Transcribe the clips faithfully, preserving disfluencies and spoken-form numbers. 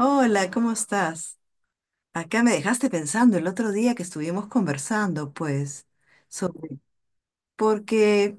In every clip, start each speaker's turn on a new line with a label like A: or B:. A: Hola, ¿cómo estás? Acá me dejaste pensando el otro día que estuvimos conversando, pues, sobre, porque,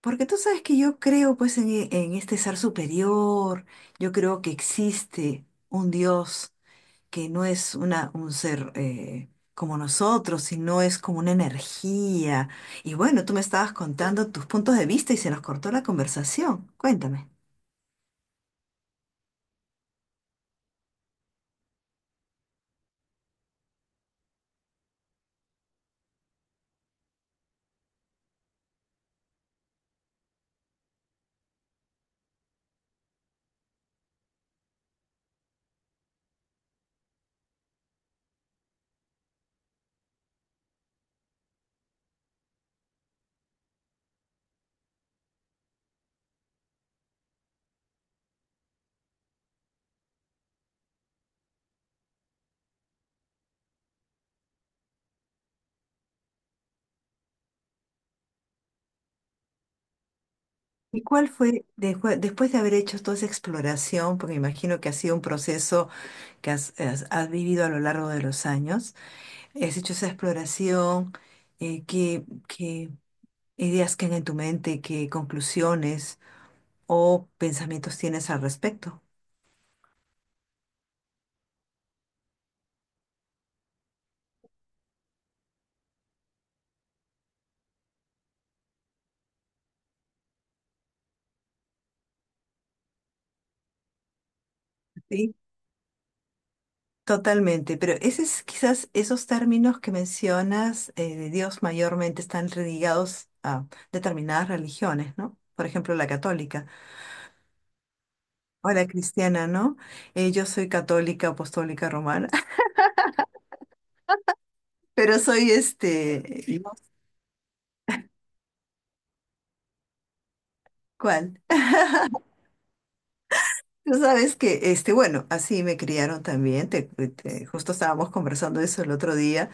A: porque tú sabes que yo creo, pues, en, e- en este ser superior, yo creo que existe un Dios que no es una, un ser eh, como nosotros, sino es como una energía. Y bueno, tú me estabas contando tus puntos de vista y se nos cortó la conversación. Cuéntame. ¿Y cuál fue, después después de haber hecho toda esa exploración, porque imagino que ha sido un proceso que has, has- has vivido a lo largo de los años. Has hecho esa exploración, eh, qué, qué ideas quedan en tu mente, qué conclusiones o pensamientos tienes al respecto. Sí, totalmente. Pero ese es, quizás esos términos que mencionas eh, de Dios mayormente están ligados a determinadas religiones, ¿no? Por ejemplo, la católica o la cristiana, ¿no? Eh, yo soy católica apostólica romana, pero soy este, ¿cuál? Tú sabes que, este, bueno, así me criaron también, te, te- justo estábamos conversando eso el otro día,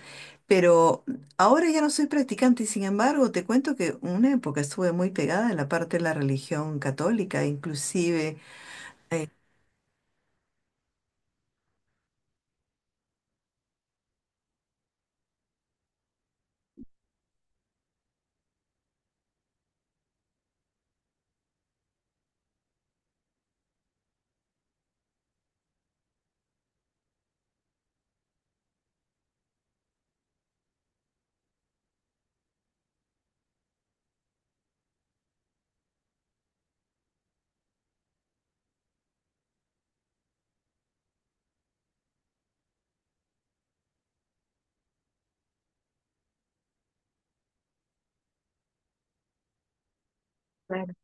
A: pero ahora ya no soy practicante y sin embargo te cuento que una época estuve muy pegada en la parte de la religión católica, inclusive, claro,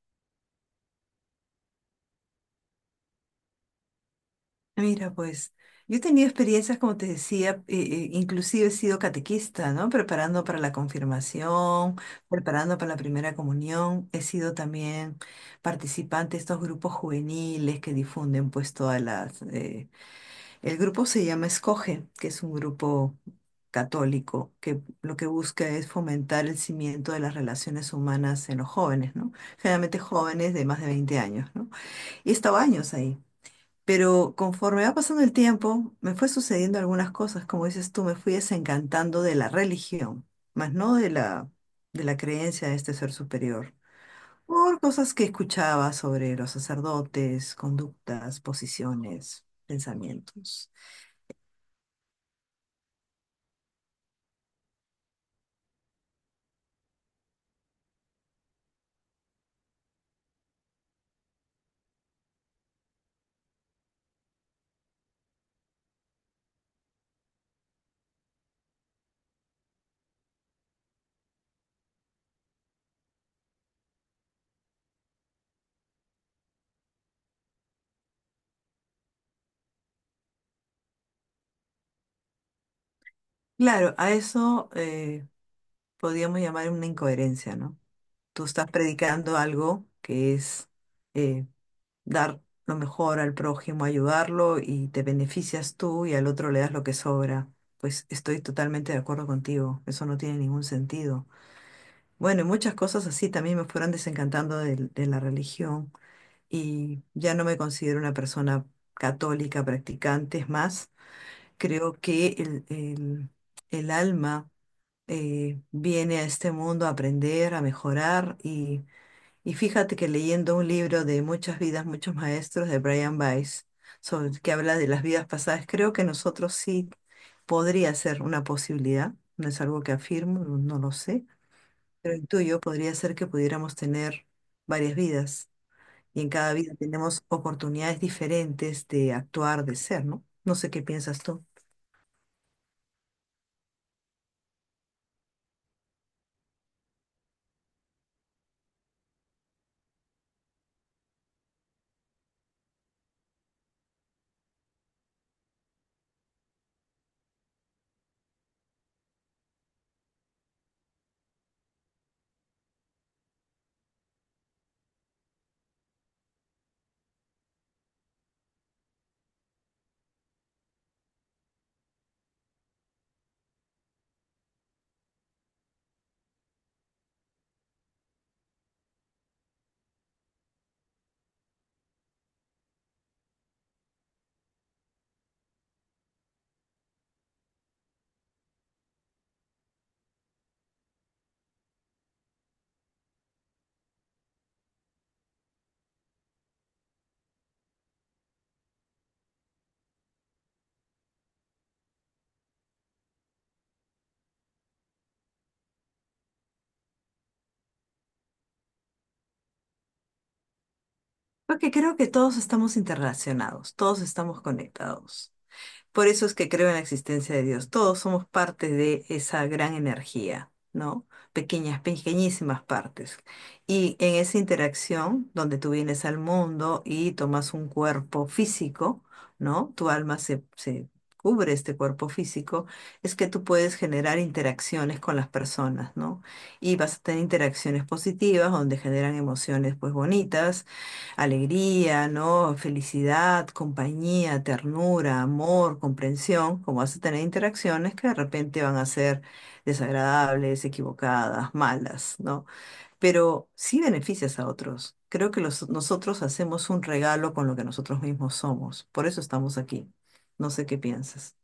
A: mira, pues yo he tenido experiencias, como te decía, eh, eh, inclusive he sido catequista, ¿no? Preparando para la confirmación, preparando para la primera comunión, he sido también participante de estos grupos juveniles que difunden pues todas las... eh, el grupo se llama Escoge, que es un grupo católico que lo que busca es fomentar el cimiento de las relaciones humanas en los jóvenes, ¿no? Generalmente jóvenes de más de veinte años, ¿no? Y he estado años ahí. Pero conforme va pasando el tiempo, me fue sucediendo algunas cosas, como dices tú, me fui desencantando de la religión, más no de la, de la creencia de este ser superior, por cosas que escuchaba sobre los sacerdotes, conductas, posiciones, pensamientos. Claro, a eso eh, podríamos llamar una incoherencia, ¿no? Tú estás predicando algo que es eh, dar lo mejor al prójimo, ayudarlo y te beneficias tú y al otro le das lo que sobra. Pues estoy totalmente de acuerdo contigo, eso no tiene ningún sentido. Bueno, y muchas cosas así también me fueron desencantando del- de, la religión y ya no me considero una persona católica practicante, es más, creo que el, el el alma eh, viene a este mundo a aprender, a mejorar y, y fíjate que leyendo un libro de Muchas vidas, muchos maestros de Brian Weiss, sobre- que habla de las vidas pasadas, creo que nosotros sí podría ser una posibilidad, no es algo que afirmo, no, no lo sé, pero el tuyo podría ser que pudiéramos tener varias vidas y en cada vida tenemos oportunidades diferentes de actuar, de ser, ¿no? No sé qué piensas tú. Porque creo que todos estamos interrelacionados, todos estamos conectados. Por eso es que creo en la existencia de Dios. Todos somos parte de esa gran energía, ¿no? Pequeñas, pequeñísimas partes. Y en esa interacción donde tú vienes al mundo y tomas un cuerpo físico, ¿no? Tu alma se, se cubre este cuerpo físico, es que tú puedes generar interacciones con las personas, ¿no? Y vas a tener interacciones positivas donde generan emociones pues bonitas alegría, ¿no? Felicidad, compañía, ternura, amor, comprensión, como vas a tener interacciones que de repente van a ser desagradables, equivocadas, malas, ¿no? Pero sí beneficias a otros. Creo que los- nosotros hacemos un regalo con lo que nosotros mismos somos. Por eso estamos aquí. No sé qué piensas.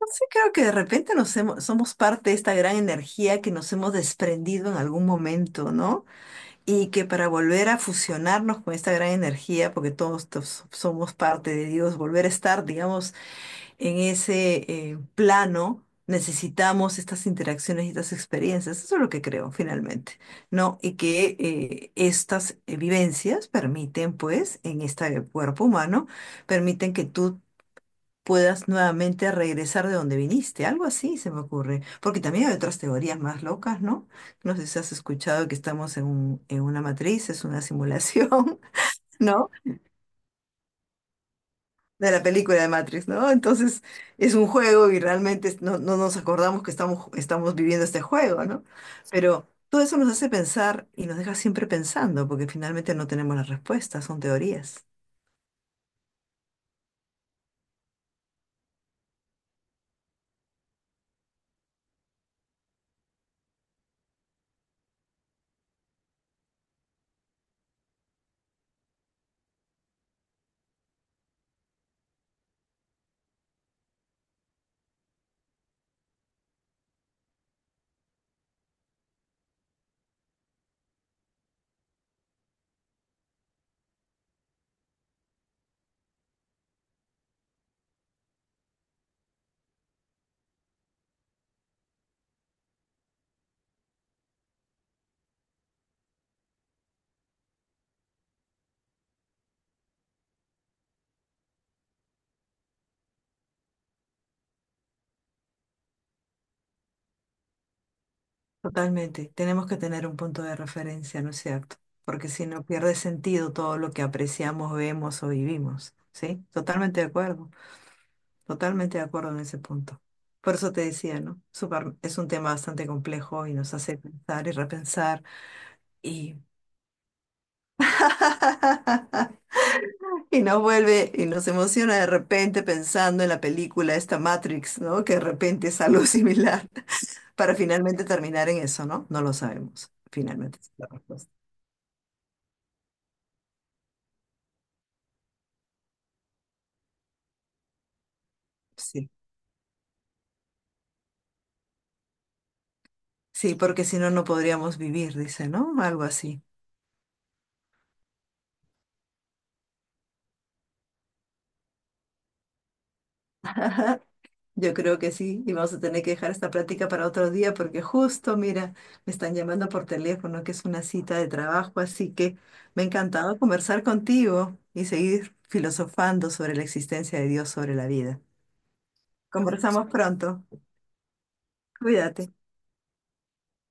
A: No sé, creo que de repente nos hemos- somos parte de esta gran energía que nos hemos desprendido en algún momento, ¿no? Y que para volver a fusionarnos con esta gran energía, porque todos, tos- somos parte de Dios, volver a estar, digamos, en ese eh, plano, necesitamos estas interacciones y estas experiencias. Eso es lo que creo, finalmente, ¿no? Y que eh, estas eh, vivencias permiten, pues, en este cuerpo humano, permiten que tú puedas nuevamente regresar de donde viniste, algo así se me ocurre, porque también hay otras teorías más locas, ¿no? No sé si has escuchado que estamos en un- en una matriz, es una simulación, ¿no? De la película de Matrix, ¿no? Entonces es un juego y realmente es- no, no nos acordamos que estamos, ju- estamos viviendo este juego, ¿no? Pero todo eso nos hace pensar y nos deja siempre pensando, porque finalmente no tenemos las respuestas, son teorías. Totalmente, tenemos que tener un punto de referencia, ¿no es cierto? Porque si no pierde sentido todo lo que apreciamos, vemos o vivimos, ¿sí? Totalmente de acuerdo, totalmente de acuerdo en ese punto. Por eso te decía, ¿no? Súper- es un tema bastante complejo y nos hace pensar y repensar y... y nos vuelve y nos emociona de repente pensando en la película esta Matrix, ¿no? Que de repente es algo similar para finalmente terminar en eso, ¿no? No lo sabemos. Finalmente es la respuesta. Sí. Sí, porque si no, no podríamos vivir, dice, ¿no? Algo así. Yo creo que sí, y vamos a tener que dejar esta plática para otro día porque justo, mira, me están llamando por teléfono, que es una cita de trabajo, así que me ha encantado conversar contigo y seguir filosofando sobre la existencia de Dios, sobre la vida. Conversamos pronto. Cuídate.